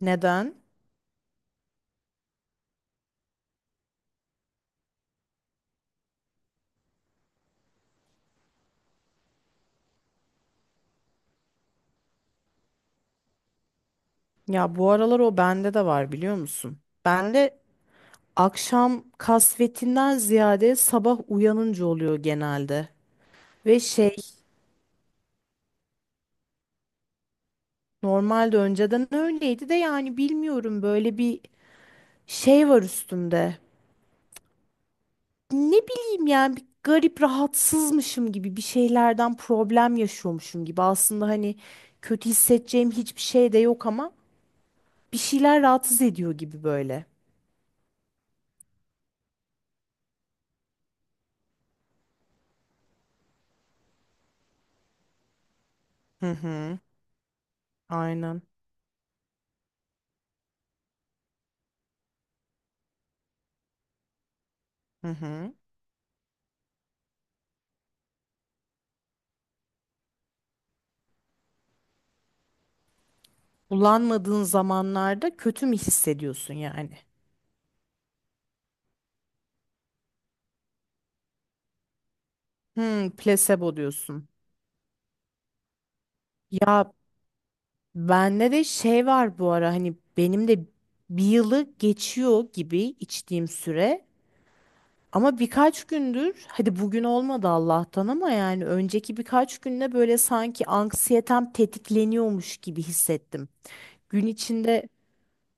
Neden? Ya bu aralar o bende de var biliyor musun? Bende akşam kasvetinden ziyade sabah uyanınca oluyor genelde. Ve şey normalde önceden öyleydi de yani bilmiyorum böyle bir şey var üstümde. Ne bileyim yani bir garip rahatsızmışım gibi bir şeylerden problem yaşıyormuşum gibi. Aslında hani kötü hissedeceğim hiçbir şey de yok ama bir şeyler rahatsız ediyor gibi böyle. Hı hı. Aynen. Hı hı. Kullanmadığın zamanlarda kötü mü hissediyorsun yani? Hmm, plasebo diyorsun. Ya bende de şey var bu ara hani benim de bir yılı geçiyor gibi içtiğim süre. Ama birkaç gündür hadi bugün olmadı Allah'tan ama yani önceki birkaç günde böyle sanki anksiyetem tetikleniyormuş gibi hissettim. Gün içinde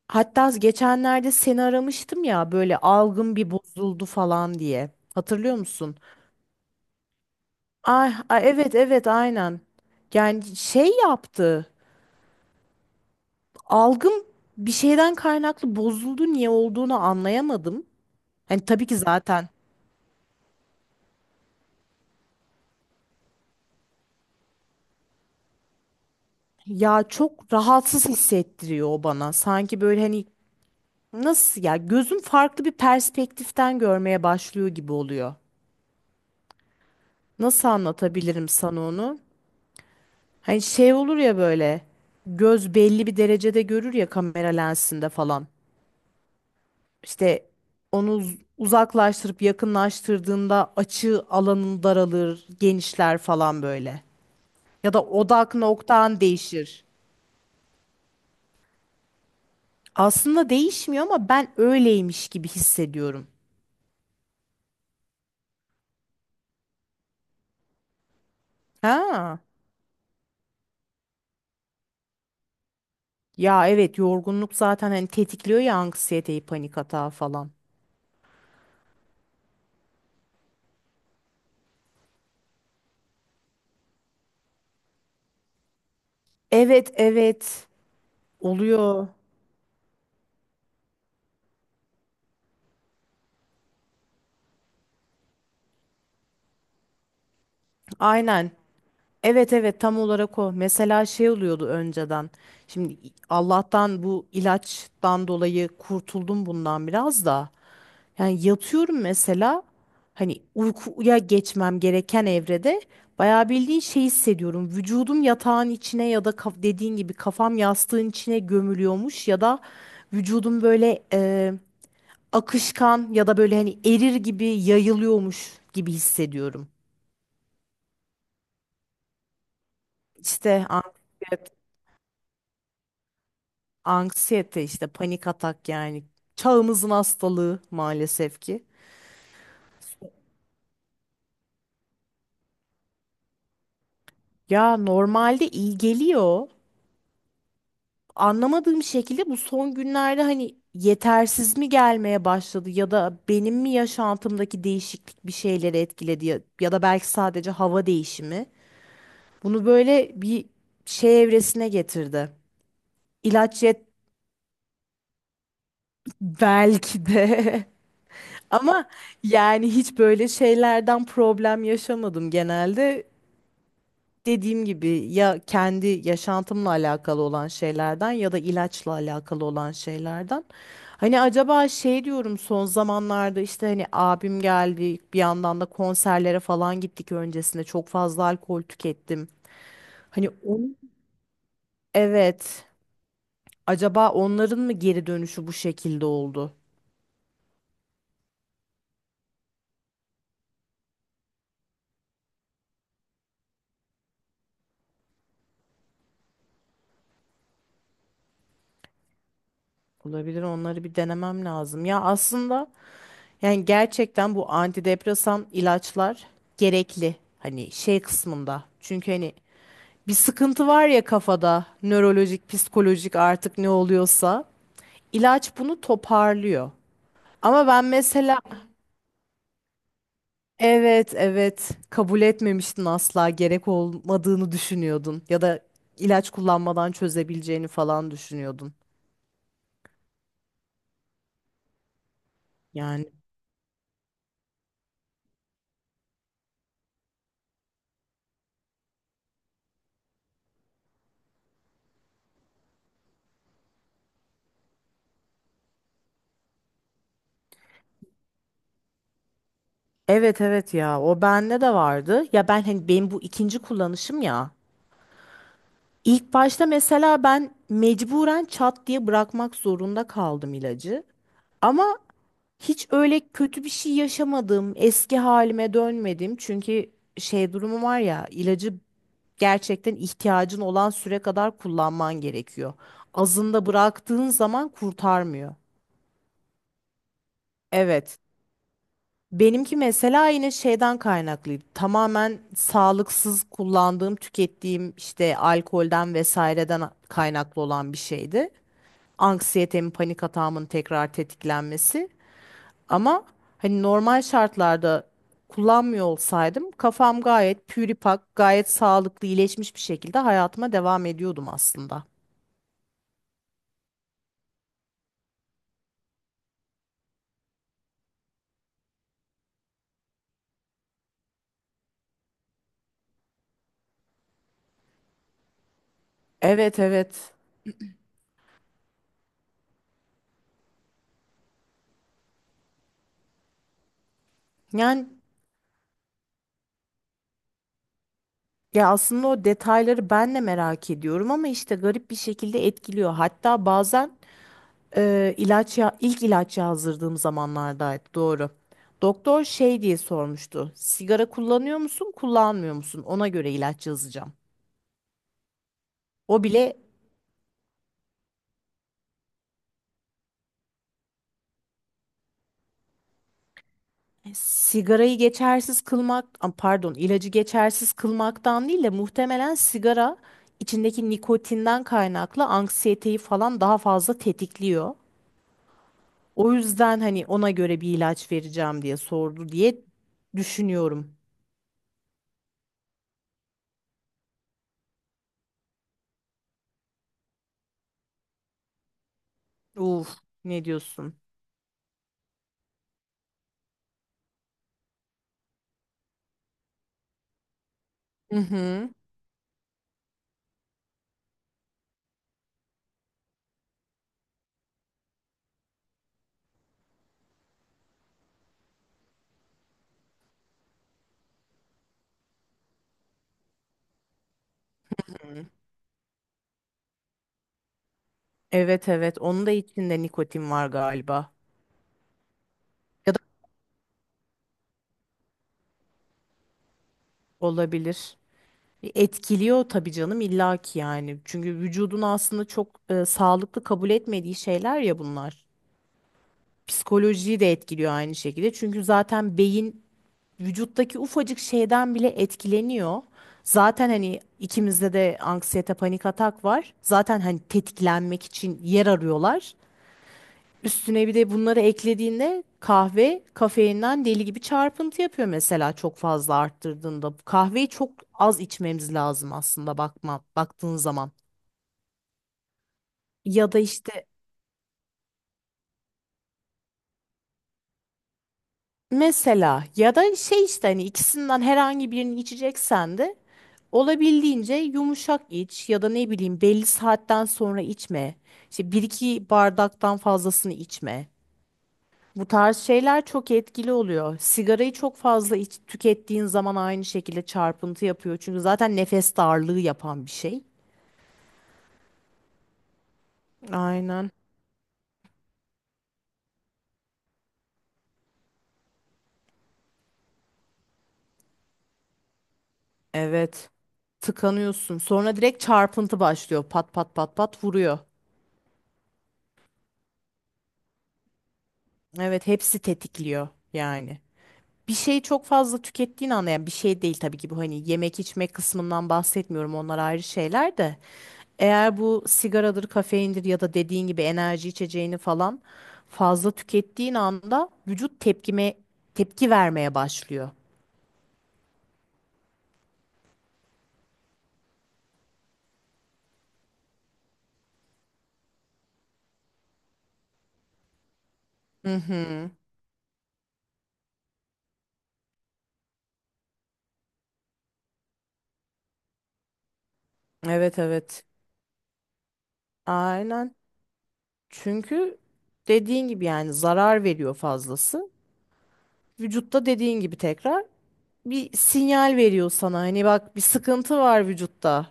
hatta geçenlerde seni aramıştım ya böyle algım bir bozuldu falan diye. Hatırlıyor musun? Ay, evet evet aynen. Yani şey yaptı. Algım bir şeyden kaynaklı bozuldu niye olduğunu anlayamadım. Hani tabii ki zaten ya çok rahatsız hissettiriyor o bana. Sanki böyle hani nasıl ya gözüm farklı bir perspektiften görmeye başlıyor gibi oluyor. Nasıl anlatabilirim sana onu? Hani şey olur ya böyle göz belli bir derecede görür ya kamera lensinde falan. İşte onu uzaklaştırıp yakınlaştırdığında açı alanın daralır, genişler falan böyle. Ya da odak noktan değişir. Aslında değişmiyor ama ben öyleymiş gibi hissediyorum. Ha. Ya evet yorgunluk zaten hani tetikliyor ya anksiyeteyi, panik atağı falan. Evet evet, oluyor. Aynen. Evet evet, tam olarak o. Mesela şey oluyordu önceden. Şimdi Allah'tan bu ilaçtan dolayı kurtuldum bundan biraz da. Yani yatıyorum mesela hani uykuya geçmem gereken evrede bayağı bildiğin şey hissediyorum. Vücudum yatağın içine ya da dediğin gibi kafam yastığın içine gömülüyormuş ya da vücudum böyle akışkan ya da böyle hani erir gibi yayılıyormuş gibi hissediyorum. İşte antibiyotik, anksiyete işte panik atak yani çağımızın hastalığı maalesef ki. Ya normalde iyi geliyor. Anlamadığım şekilde bu son günlerde hani yetersiz mi gelmeye başladı ya da benim mi yaşantımdaki değişiklik bir şeyleri etkiledi ya, ya da belki sadece hava değişimi. Bunu böyle bir şey evresine getirdi. İlaç yet, belki de ama yani hiç böyle şeylerden problem yaşamadım genelde. Dediğim gibi ya kendi yaşantımla alakalı olan şeylerden ya da ilaçla alakalı olan şeylerden. Hani acaba şey diyorum son zamanlarda işte hani abim geldi bir yandan da konserlere falan gittik öncesinde çok fazla alkol tükettim. Hani onun evet, acaba onların mı geri dönüşü bu şekilde oldu? Olabilir, onları bir denemem lazım. Ya aslında yani gerçekten bu antidepresan ilaçlar gerekli hani şey kısmında. Çünkü hani bir sıkıntı var ya kafada, nörolojik, psikolojik artık ne oluyorsa, ilaç bunu toparlıyor. Ama ben mesela evet evet, kabul etmemiştin asla gerek olmadığını düşünüyordun ya da ilaç kullanmadan çözebileceğini falan düşünüyordun. Yani evet evet, ya o bende de vardı. Ya ben hani benim bu ikinci kullanışım ya. İlk başta mesela ben mecburen çat diye bırakmak zorunda kaldım ilacı. Ama hiç öyle kötü bir şey yaşamadım. Eski halime dönmedim. Çünkü şey durumu var ya, ilacı gerçekten ihtiyacın olan süre kadar kullanman gerekiyor. Azında bıraktığın zaman kurtarmıyor. Evet. Benimki mesela yine şeyden kaynaklıydı. Tamamen sağlıksız kullandığım, tükettiğim işte alkolden vesaireden kaynaklı olan bir şeydi. Anksiyetemi, panik atağımın tekrar tetiklenmesi. Ama hani normal şartlarda kullanmıyor olsaydım kafam gayet püripak, gayet sağlıklı, iyileşmiş bir şekilde hayatıma devam ediyordum aslında. Evet evet. Yani ya aslında o detayları ben de merak ediyorum ama işte garip bir şekilde etkiliyor. Hatta bazen ilaç ya ilk ilaç yazdırdığım zamanlardaydı doğru. Doktor şey diye sormuştu. Sigara kullanıyor musun, kullanmıyor musun? Ona göre ilaç yazacağım. O bile sigarayı geçersiz kılmak, pardon, ilacı geçersiz kılmaktan değil de muhtemelen sigara içindeki nikotinden kaynaklı anksiyeteyi falan daha fazla tetikliyor. O yüzden hani ona göre bir ilaç vereceğim diye sordu diye düşünüyorum. Uf, ne diyorsun? Hı hı. Evet evet, onun da içinde nikotin var galiba. Ya da olabilir. Etkiliyor tabii canım illaki yani. Çünkü vücudun aslında çok sağlıklı kabul etmediği şeyler ya bunlar. Psikolojiyi de etkiliyor aynı şekilde. Çünkü zaten beyin vücuttaki ufacık şeyden bile etkileniyor. Zaten hani ikimizde de anksiyete panik atak var. Zaten hani tetiklenmek için yer arıyorlar. Üstüne bir de bunları eklediğinde kahve kafeinden deli gibi çarpıntı yapıyor mesela çok fazla arttırdığında. Kahveyi çok az içmemiz lazım aslında bakma baktığın zaman. Ya da işte mesela ya da şey işte hani ikisinden herhangi birini içeceksen de olabildiğince yumuşak iç ya da ne bileyim belli saatten sonra içme. İşte bir iki bardaktan fazlasını içme. Bu tarz şeyler çok etkili oluyor. Sigarayı çok fazla tükettiğin zaman aynı şekilde çarpıntı yapıyor. Çünkü zaten nefes darlığı yapan bir şey. Aynen. Evet. Tıkanıyorsun. Sonra direkt çarpıntı başlıyor. Pat pat pat pat vuruyor. Evet, hepsi tetikliyor yani. Bir şeyi çok fazla tükettiğin anda yani bir şey değil tabii ki bu hani yemek içme kısmından bahsetmiyorum onlar ayrı şeyler de eğer bu sigaradır kafeindir ya da dediğin gibi enerji içeceğini falan fazla tükettiğin anda vücut tepki vermeye başlıyor. Hı hı. Evet evet. Aynen. Çünkü dediğin gibi yani zarar veriyor fazlası. Vücutta dediğin gibi tekrar bir sinyal veriyor sana. Hani bak bir sıkıntı var vücutta.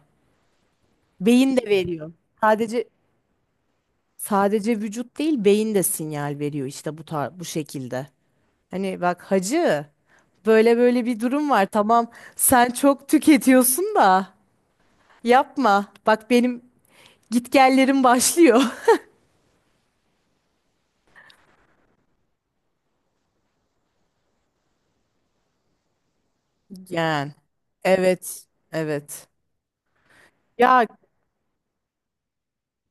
Beyin de veriyor. Sadece sadece vücut değil, beyin de sinyal veriyor işte bu şekilde. Hani bak hacı böyle böyle bir durum var. Tamam sen çok tüketiyorsun da yapma. Bak benim gitgellerim başlıyor. Yani evet evet. Ya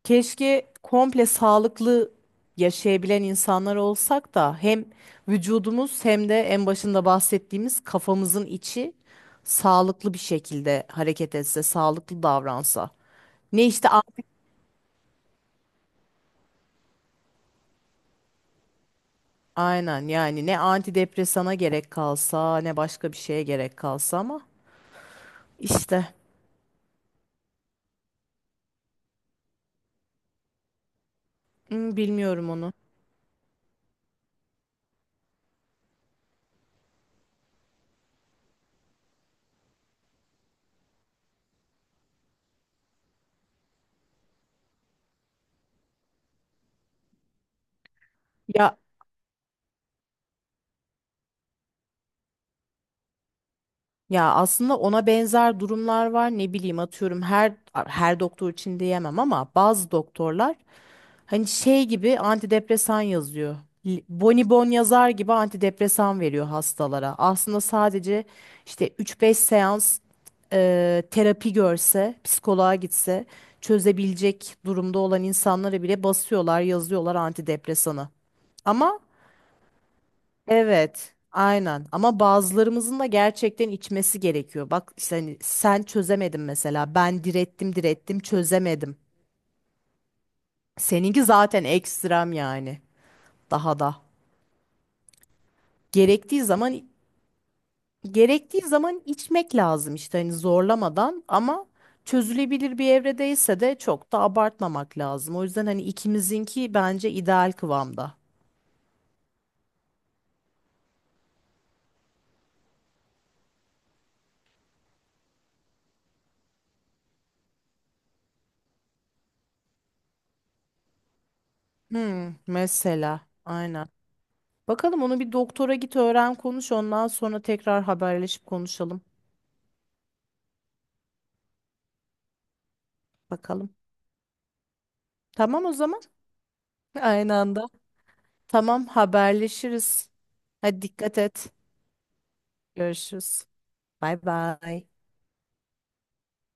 keşke komple sağlıklı yaşayabilen insanlar olsak da hem vücudumuz hem de en başında bahsettiğimiz kafamızın içi sağlıklı bir şekilde hareket etse, sağlıklı davransa. Ne işte a- aynen yani ne antidepresana gerek kalsa ne başka bir şeye gerek kalsa ama işte hmm, bilmiyorum onu. Ya Ya aslında ona benzer durumlar var. Ne bileyim atıyorum her doktor için diyemem ama bazı doktorlar hani şey gibi antidepresan yazıyor. Bonibon yazar gibi antidepresan veriyor hastalara. Aslında sadece işte üç beş seans terapi görse, psikoloğa gitse çözebilecek durumda olan insanlara bile basıyorlar, yazıyorlar antidepresanı. Ama evet, aynen. Ama bazılarımızın da gerçekten içmesi gerekiyor. Bak işte hani sen çözemedin mesela. Ben direttim, direttim, çözemedim. Seninki zaten ekstrem yani. Daha da. Gerektiği zaman gerektiği zaman içmek lazım işte hani zorlamadan ama çözülebilir bir evredeyse de çok da abartmamak lazım. O yüzden hani ikimizinki bence ideal kıvamda. Hmm, mesela. Aynen. Bakalım, onu bir doktora git öğren konuş ondan sonra tekrar haberleşip konuşalım. Bakalım. Tamam o zaman. Aynı anda. Tamam haberleşiriz. Hadi dikkat et. Görüşürüz. Bay bay.